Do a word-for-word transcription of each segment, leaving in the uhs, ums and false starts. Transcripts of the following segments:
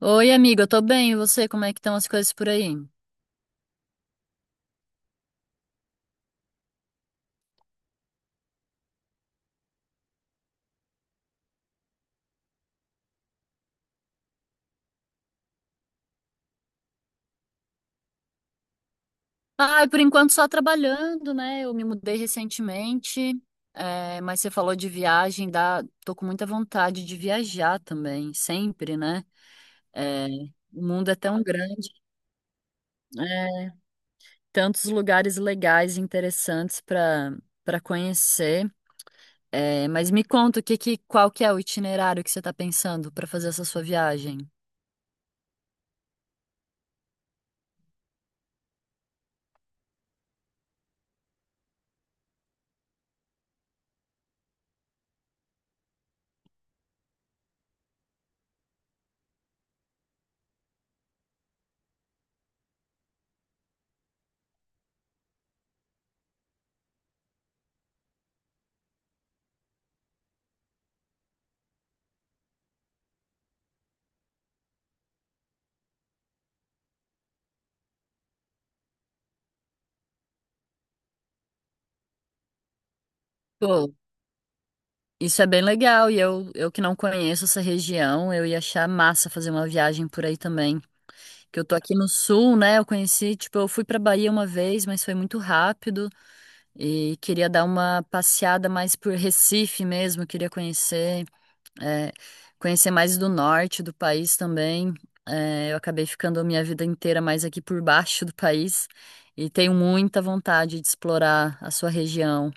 Oi, amiga, eu tô bem. E você, como é que estão as coisas por aí? Ai, por enquanto só trabalhando, né? Eu me mudei recentemente, é, mas você falou de viagem, dá... Tô com muita vontade de viajar também, sempre, né? É, o mundo é tão grande, é, tantos lugares legais e interessantes para para conhecer. É, mas me conta o que, que, qual que é o itinerário que você tá pensando para fazer essa sua viagem? Isso é bem legal, e eu, eu que não conheço essa região, eu ia achar massa fazer uma viagem por aí também. Que eu tô aqui no sul, né? Eu conheci, tipo, eu fui pra Bahia uma vez, mas foi muito rápido e queria dar uma passeada mais por Recife mesmo, queria conhecer, é, conhecer mais do norte do país também. É, eu acabei ficando a minha vida inteira mais aqui por baixo do país e tenho muita vontade de explorar a sua região.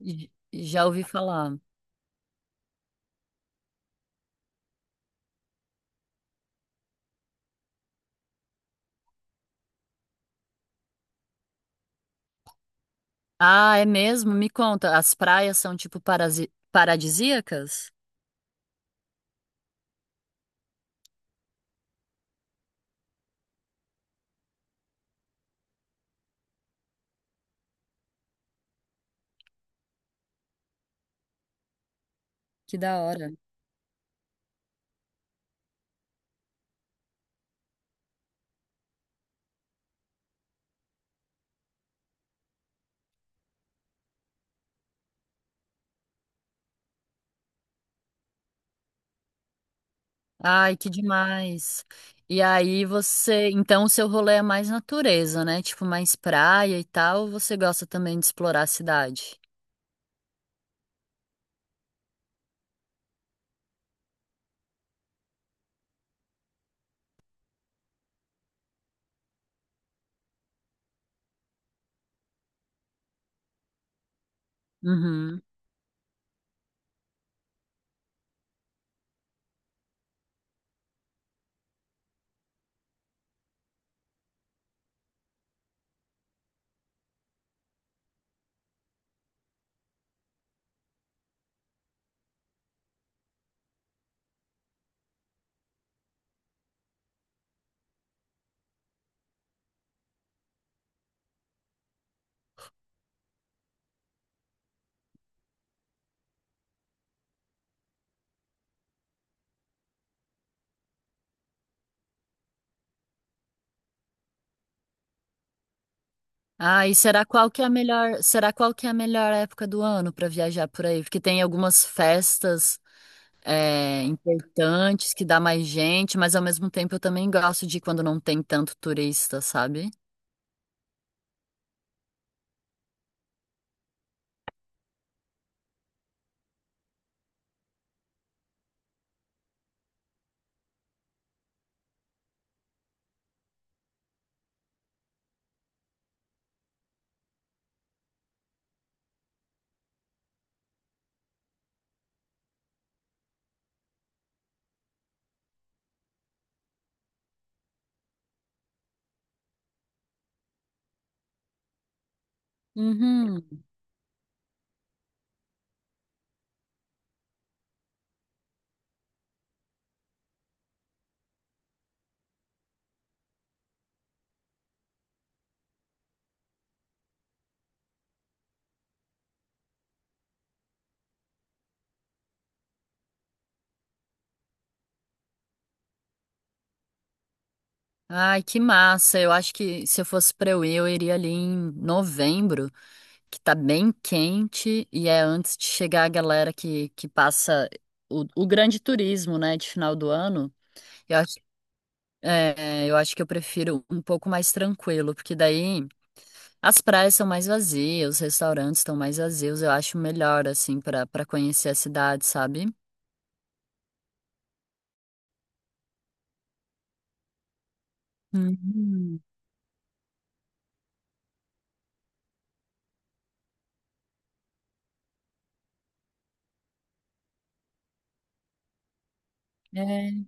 E- e Já ouvi falar. Ah, é mesmo? Me conta, as praias são tipo parasi- paradisíacas? Que da hora. Ai, que demais. E aí você, então o seu rolê é mais natureza, né? Tipo mais praia e tal, ou você gosta também de explorar a cidade? Uhum. Ah, e será qual que é a melhor, será qual que é a melhor época do ano para viajar por aí? Porque tem algumas festas é, importantes que dá mais gente, mas ao mesmo tempo eu também gosto de quando não tem tanto turista, sabe? Uhum. Ai, que massa. Eu acho que se eu fosse pra eu ir, eu iria ali em novembro, que tá bem quente e é antes de chegar a galera que, que passa o, o grande turismo, né, de final do ano. Eu acho, é, eu acho que eu prefiro um pouco mais tranquilo, porque daí as praias são mais vazias, os restaurantes estão mais vazios. Eu acho melhor, assim, pra para conhecer a cidade, sabe? Uhum. É,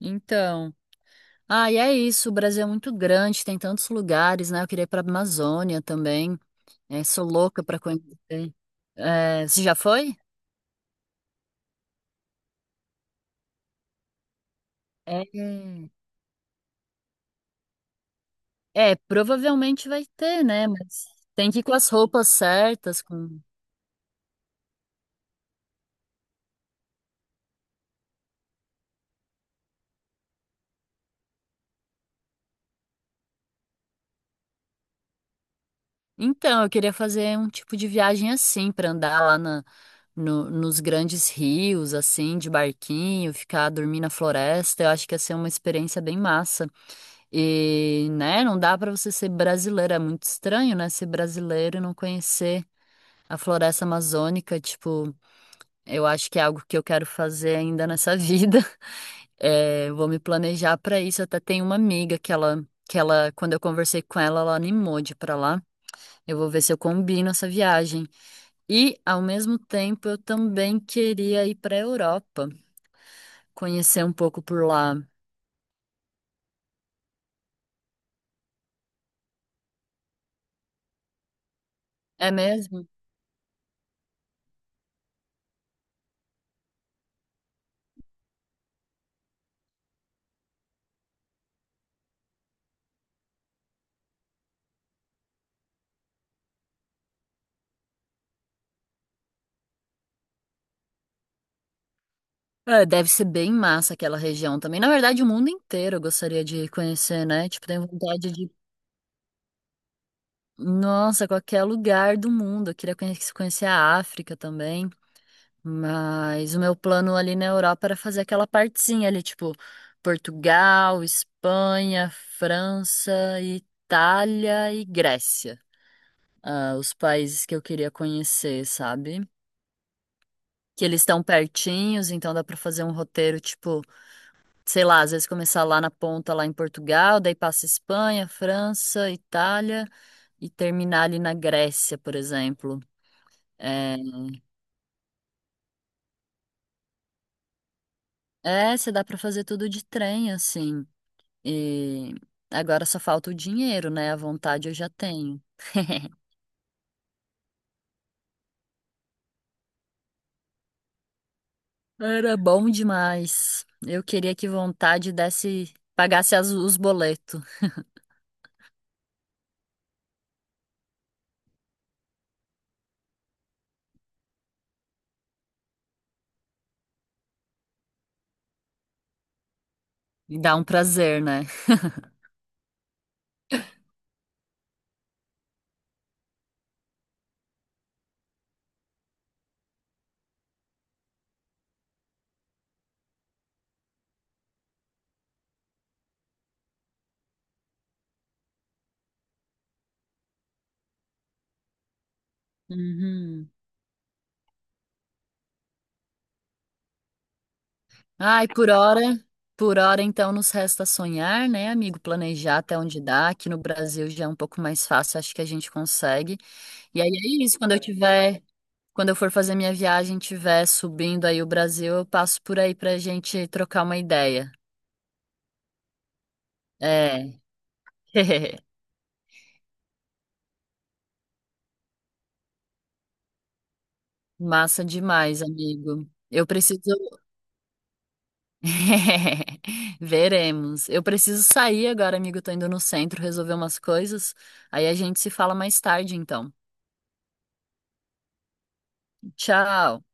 então. Ah, e é isso. O Brasil é muito grande, tem tantos lugares, né? Eu queria ir para a Amazônia também. É, sou louca para conhecer. É, você já foi? É, é, provavelmente vai ter, né? Mas tem que ir com as roupas certas. Com... Então, eu queria fazer um tipo de viagem assim, para andar lá na, no- nos grandes rios, assim, de barquinho, ficar dormir na floresta. Eu acho que ia ser uma experiência bem massa. E, né, não dá para você ser brasileiro, é muito estranho, né, ser brasileiro e não conhecer a floresta amazônica, tipo, eu acho que é algo que eu quero fazer ainda nessa vida. É, vou me planejar para isso. Até tenho uma amiga que ela que ela, quando eu conversei com ela, ela animou de ir para lá. Eu vou ver se eu combino essa viagem. E, ao mesmo tempo, eu também queria ir para a Europa, conhecer um pouco por lá. É mesmo? É, deve ser bem massa aquela região também. Na verdade, o mundo inteiro eu gostaria de conhecer, né? Tipo, tenho vontade de. Nossa, qualquer lugar do mundo. Eu queria conhe- conhecer a África também. Mas o meu plano ali na Europa era fazer aquela partezinha ali, tipo, Portugal, Espanha, França, Itália e Grécia. Ah, os países que eu queria conhecer, sabe? Que eles estão pertinhos, então dá pra fazer um roteiro, tipo, sei lá, às vezes começar lá na ponta, lá em Portugal, daí passa Espanha, França, Itália e terminar ali na Grécia, por exemplo. É, é, você dá pra fazer tudo de trem, assim. E agora só falta o dinheiro, né? A vontade eu já tenho. Era bom demais. Eu queria que vontade desse, pagasse as- os boletos. E dá um prazer, né? Uhum. Ai, por hora, por hora então nos resta sonhar, né, amigo? Planejar até onde dá. Aqui no Brasil já é um pouco mais fácil, acho que a gente consegue. E aí é isso, quando eu tiver, quando eu for fazer minha viagem, tiver subindo aí o Brasil, eu passo por aí pra gente trocar uma ideia. É. Massa demais, amigo. Eu preciso. Veremos. Eu preciso sair agora, amigo. Tô indo no centro resolver umas coisas. Aí a gente se fala mais tarde, então. Tchau.